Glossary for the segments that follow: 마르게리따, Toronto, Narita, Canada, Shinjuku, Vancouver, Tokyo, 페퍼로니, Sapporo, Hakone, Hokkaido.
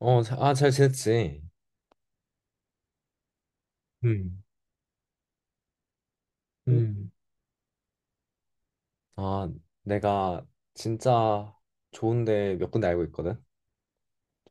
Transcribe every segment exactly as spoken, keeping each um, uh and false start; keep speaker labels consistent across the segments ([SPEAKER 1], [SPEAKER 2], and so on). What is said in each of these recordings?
[SPEAKER 1] 어, 자- 아, 잘 지냈지? 음, 음, 아, 내가 진짜 좋은데 몇 군데 알고 있거든.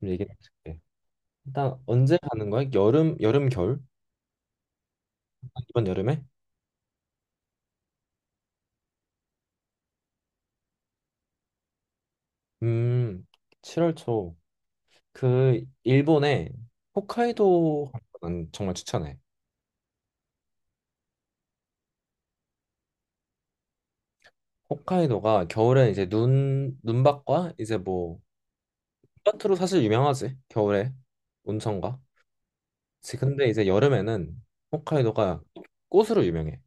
[SPEAKER 1] 좀 얘기해 줄게. 일단 언제 가는 거야? 여름, 여름, 겨울? 이번 여름에? 음, 칠월 초. 그 일본에 호카이도 난 정말 추천해. 호카이도가 겨울에 이제 눈, 눈밭과 이제 뭐 눈밭으로 사실 유명하지. 겨울에 온천과. 지- 근데 이제 여름에는 호카이도가 꽃으로 유명해.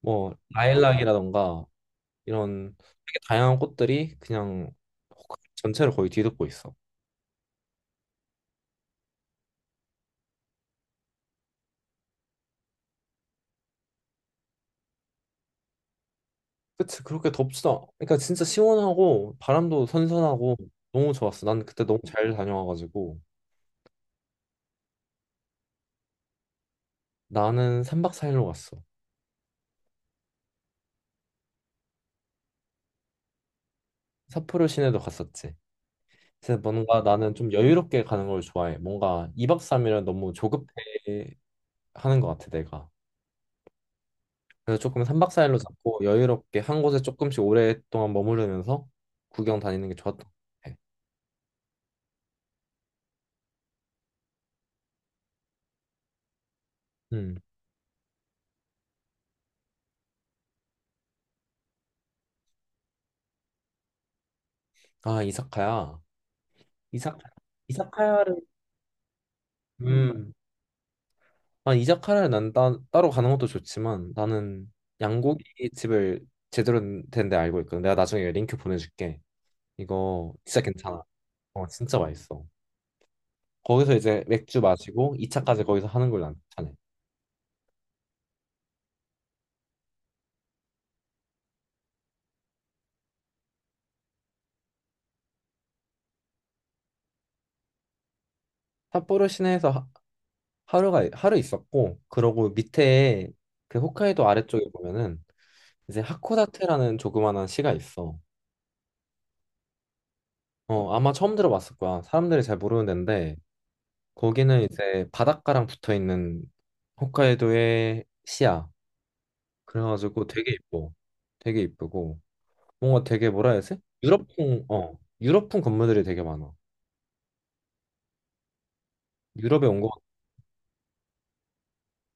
[SPEAKER 1] 뭐 라일락이라던가 이런 되게 다양한 꽃들이 그냥 홋카이도 전체를 거의 뒤덮고 있어. 그치, 그렇게 덥지도 않- 그러니까 진짜 시원하고 바람도 선선하고 너무 좋았어. 난 그때 너무 잘 다녀와가지고 나는 삼 박 사 일로 갔어. 삿포로 시내도 갔었지. 근데 뭔가 나는 좀 여유롭게 가는 걸 좋아해. 뭔가 이 박 삼 일은 너무 조급해 하는 것 같아 내가. 그래서 조금 삼 박 사 일로 잡고 여유롭게 한 곳에 조금씩 오랫동안 머무르면서 구경 다니는 게 좋았던 것 같아. 음. 아, 이사카야. 이사카, 이사카야를, 음, 아, 이사카야를 난 따, 따로 가는 것도 좋지만 나는 양고기 집을 제대로 된데 알고 있거든. 내가 나중에 링크 보내줄게. 이거 진짜 괜찮아. 어, 진짜 맛있어. 거기서 이제 맥주 마시고 이 차까지 거기서 하는 걸난 추천해. 삿포로 시내에서 하, 하루가, 하루 있었고, 그러고 밑에 그 홋카이도 아래쪽에 보면은 이제 하코다테라는 조그만한 시가 있어. 어, 아마 처음 들어봤을 거야. 사람들이 잘 모르는 데인데, 거기는 이제 바닷가랑 붙어 있는 홋카이도의 시야. 그래가지고 되게 이뻐. 되게 이쁘고 뭔가 되게 뭐라 해야 되지? 유럽풍 어 유럽풍 건물들이 되게 많아. 유럽에 온 것 같아.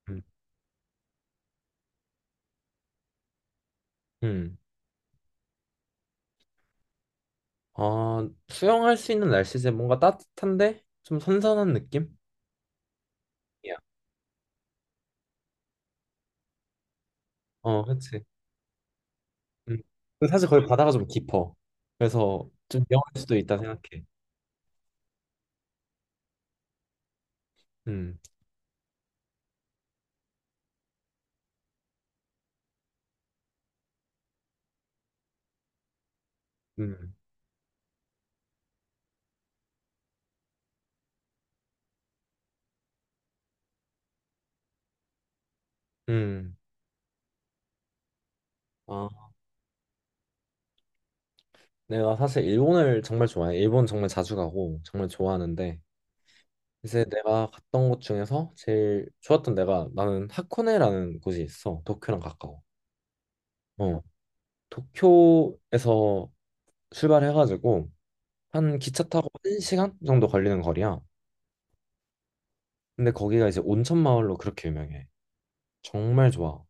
[SPEAKER 1] 음. 음. 아, 수영할 수 있는 날씨지. 뭔가 따뜻한데 좀 선선한 느낌? 이야. 어, 그렇지. 음. 근데 사실 거기 바다가 좀 깊어. 그래서 좀 위험할 수도 있다 생각해. 음. 음. 음. 아. 내가 사실 일본을 정말 좋아해. 일본 정말 자주 가고 정말 좋아하는데 이제 내가 갔던 곳 중에서 제일 좋았던 데가 나는 하코네라는 곳이 있어. 도쿄랑 가까워. 어, 도쿄에서 출발해가지고 한 기차 타고 한시간 정도 걸리는 거리야. 근데 거기가 이제 온천 마을로 그렇게 유명해. 정말 좋아.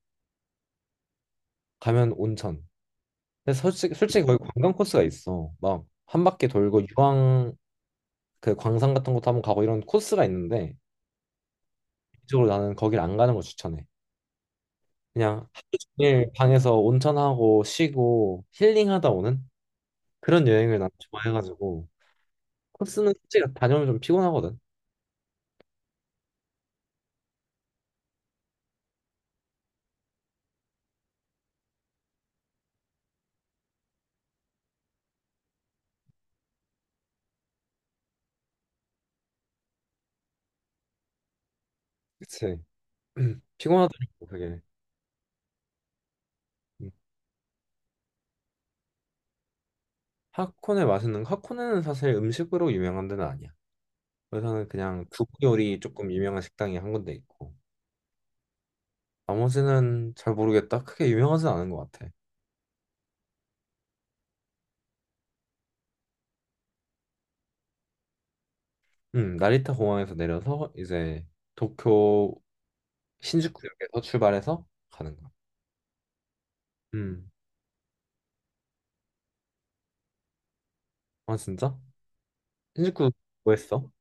[SPEAKER 1] 가면 온천. 근데 솔직히 솔직히 거기 관광 코스가 있어. 막 한 바퀴 돌고 유황 그 광산 같은 것도 한번 가고 이런 코스가 있는데 이쪽으로 나는 거길 안 가는 걸 추천해. 그냥 하루 종일 방에서 온천하고 쉬고 힐링하다 오는 그런 여행을 난 좋아해가지고 코스는 솔직히 다녀오면 좀 피곤하거든. 그치? 피곤하더라고 그게. 음. 하코네 맛있는 거- 하코네는 사실 음식으로 유명한 데는 아니야. 그래서는 그냥 두부 요리 조금 유명한 식당이 한 군데 있고 나머지는 잘 모르겠다. 크게 유명하진 않은 것 같아. 음, 나리타 공항에서 내려서 이제 도쿄 신주쿠역에서 출발해서 가는 거야. 음, 아 진짜? 신주쿠 뭐 했어?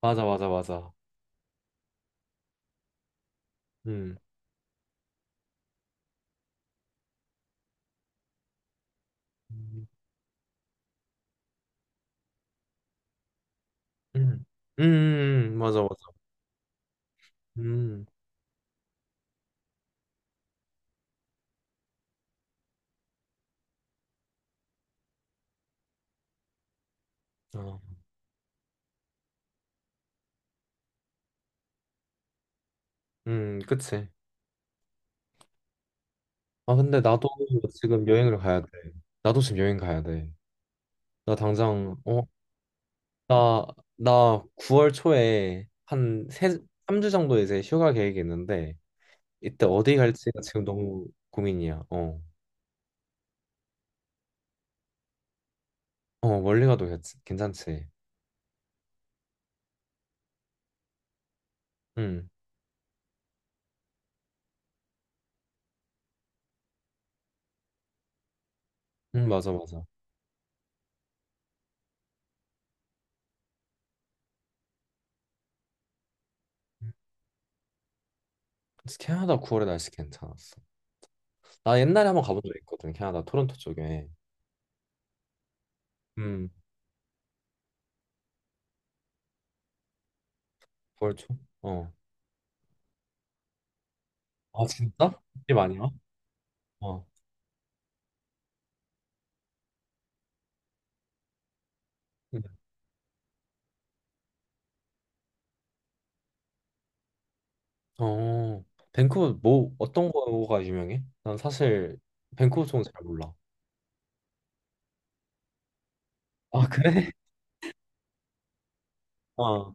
[SPEAKER 1] 맞아, 맞아, 맞아. 음. 음. 음, 음, 맞아, 맞아. 음. 어. 음, 그치. 아, 근데 나도 지금 여행을 가야 돼. 나도 지금 여행 가야 돼. 나 당장, 어, 나, 나 구월 초에 한 세, 삼 주 정도 이제 휴가 계획이 있는데, 이때 어디 갈지가 지금 너무 고민이야. 어. 어, 멀리 가도 괜찮- 괜찮지. 응, 응, 맞아, 맞아. 캐나다 구월에 날씨 괜찮았어. 나 옛날에 한번 가본 적 있거든, 캐나다 토론토 쪽에. 음. 벌초? 어. 아 진짜? 집 아니야? 어. 응. 어. 밴쿠버 뭐 어떤 거가 유명해? 난 사실 밴쿠버 쪽은 잘 몰라. 아 그래? 어.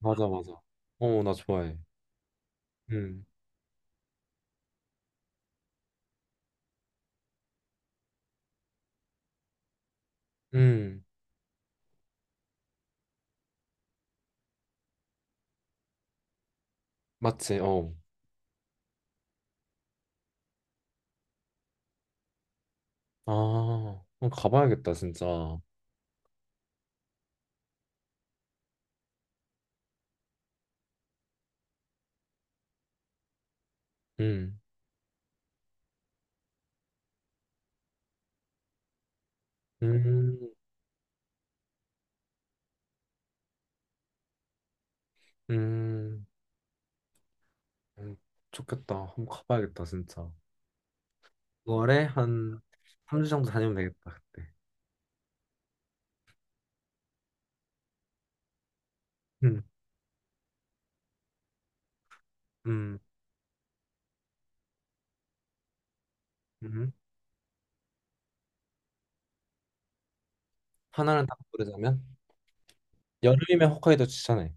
[SPEAKER 1] 맞아 맞아. 어, 나 좋아해. 음. 음. 맞지. 어. 아. 어, 가봐야겠다 진짜. 음. 음. 음. 음. 좋겠다. 한번 가봐야겠다 진짜. 유월에 한 삼 주 정도 다니면 되겠다 그때. 음. 음. 음. 하나를 딱 고르자면? 여름이면 홋카이도 추천해.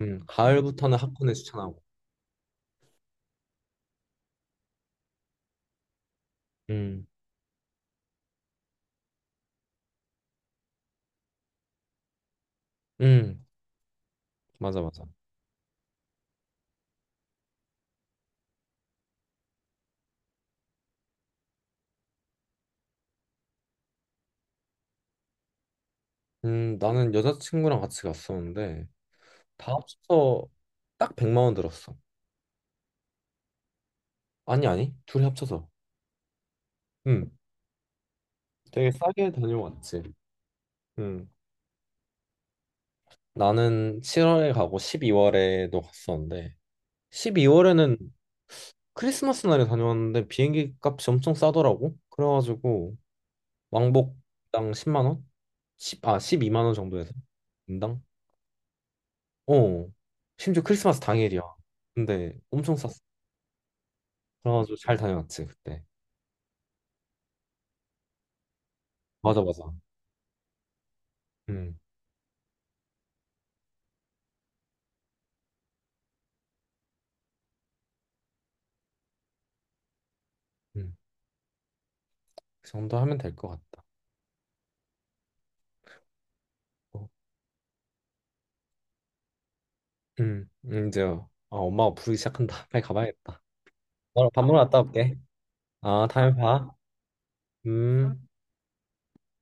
[SPEAKER 1] 음, 가을부터는 하코네 추천하고. 음, 음, 맞아, 맞아. 음, 나는 여자친구랑 같이 갔었는데 다 합쳐서 딱 백만 원 들었어. 아니, 아니, 둘이 합쳐서. 음, 되게 싸게 다녀왔지. 음, 나는 칠월에 가고 십이월에도 갔었는데 십이월에는 크리스마스 날에 다녀왔는데 비행기 값이 엄청 싸더라고. 그래가지고 왕복당 십만 원? 십 아, 십이만 원 정도 해서 인당? 어, 심지어 크리스마스 당일이야. 근데 엄청 쌌어. 그래가지고 잘 다녀왔지, 그때. 맞아, 맞아. 음, 음. 그 정도 하면 될 것 같다. 어, 음, 음, 이제 아, 엄마가 부르기 시작한다. 빨리 가봐야겠다. 너랑 밥 먹으러 갔다 올게. 아, 다음에 봐. 음.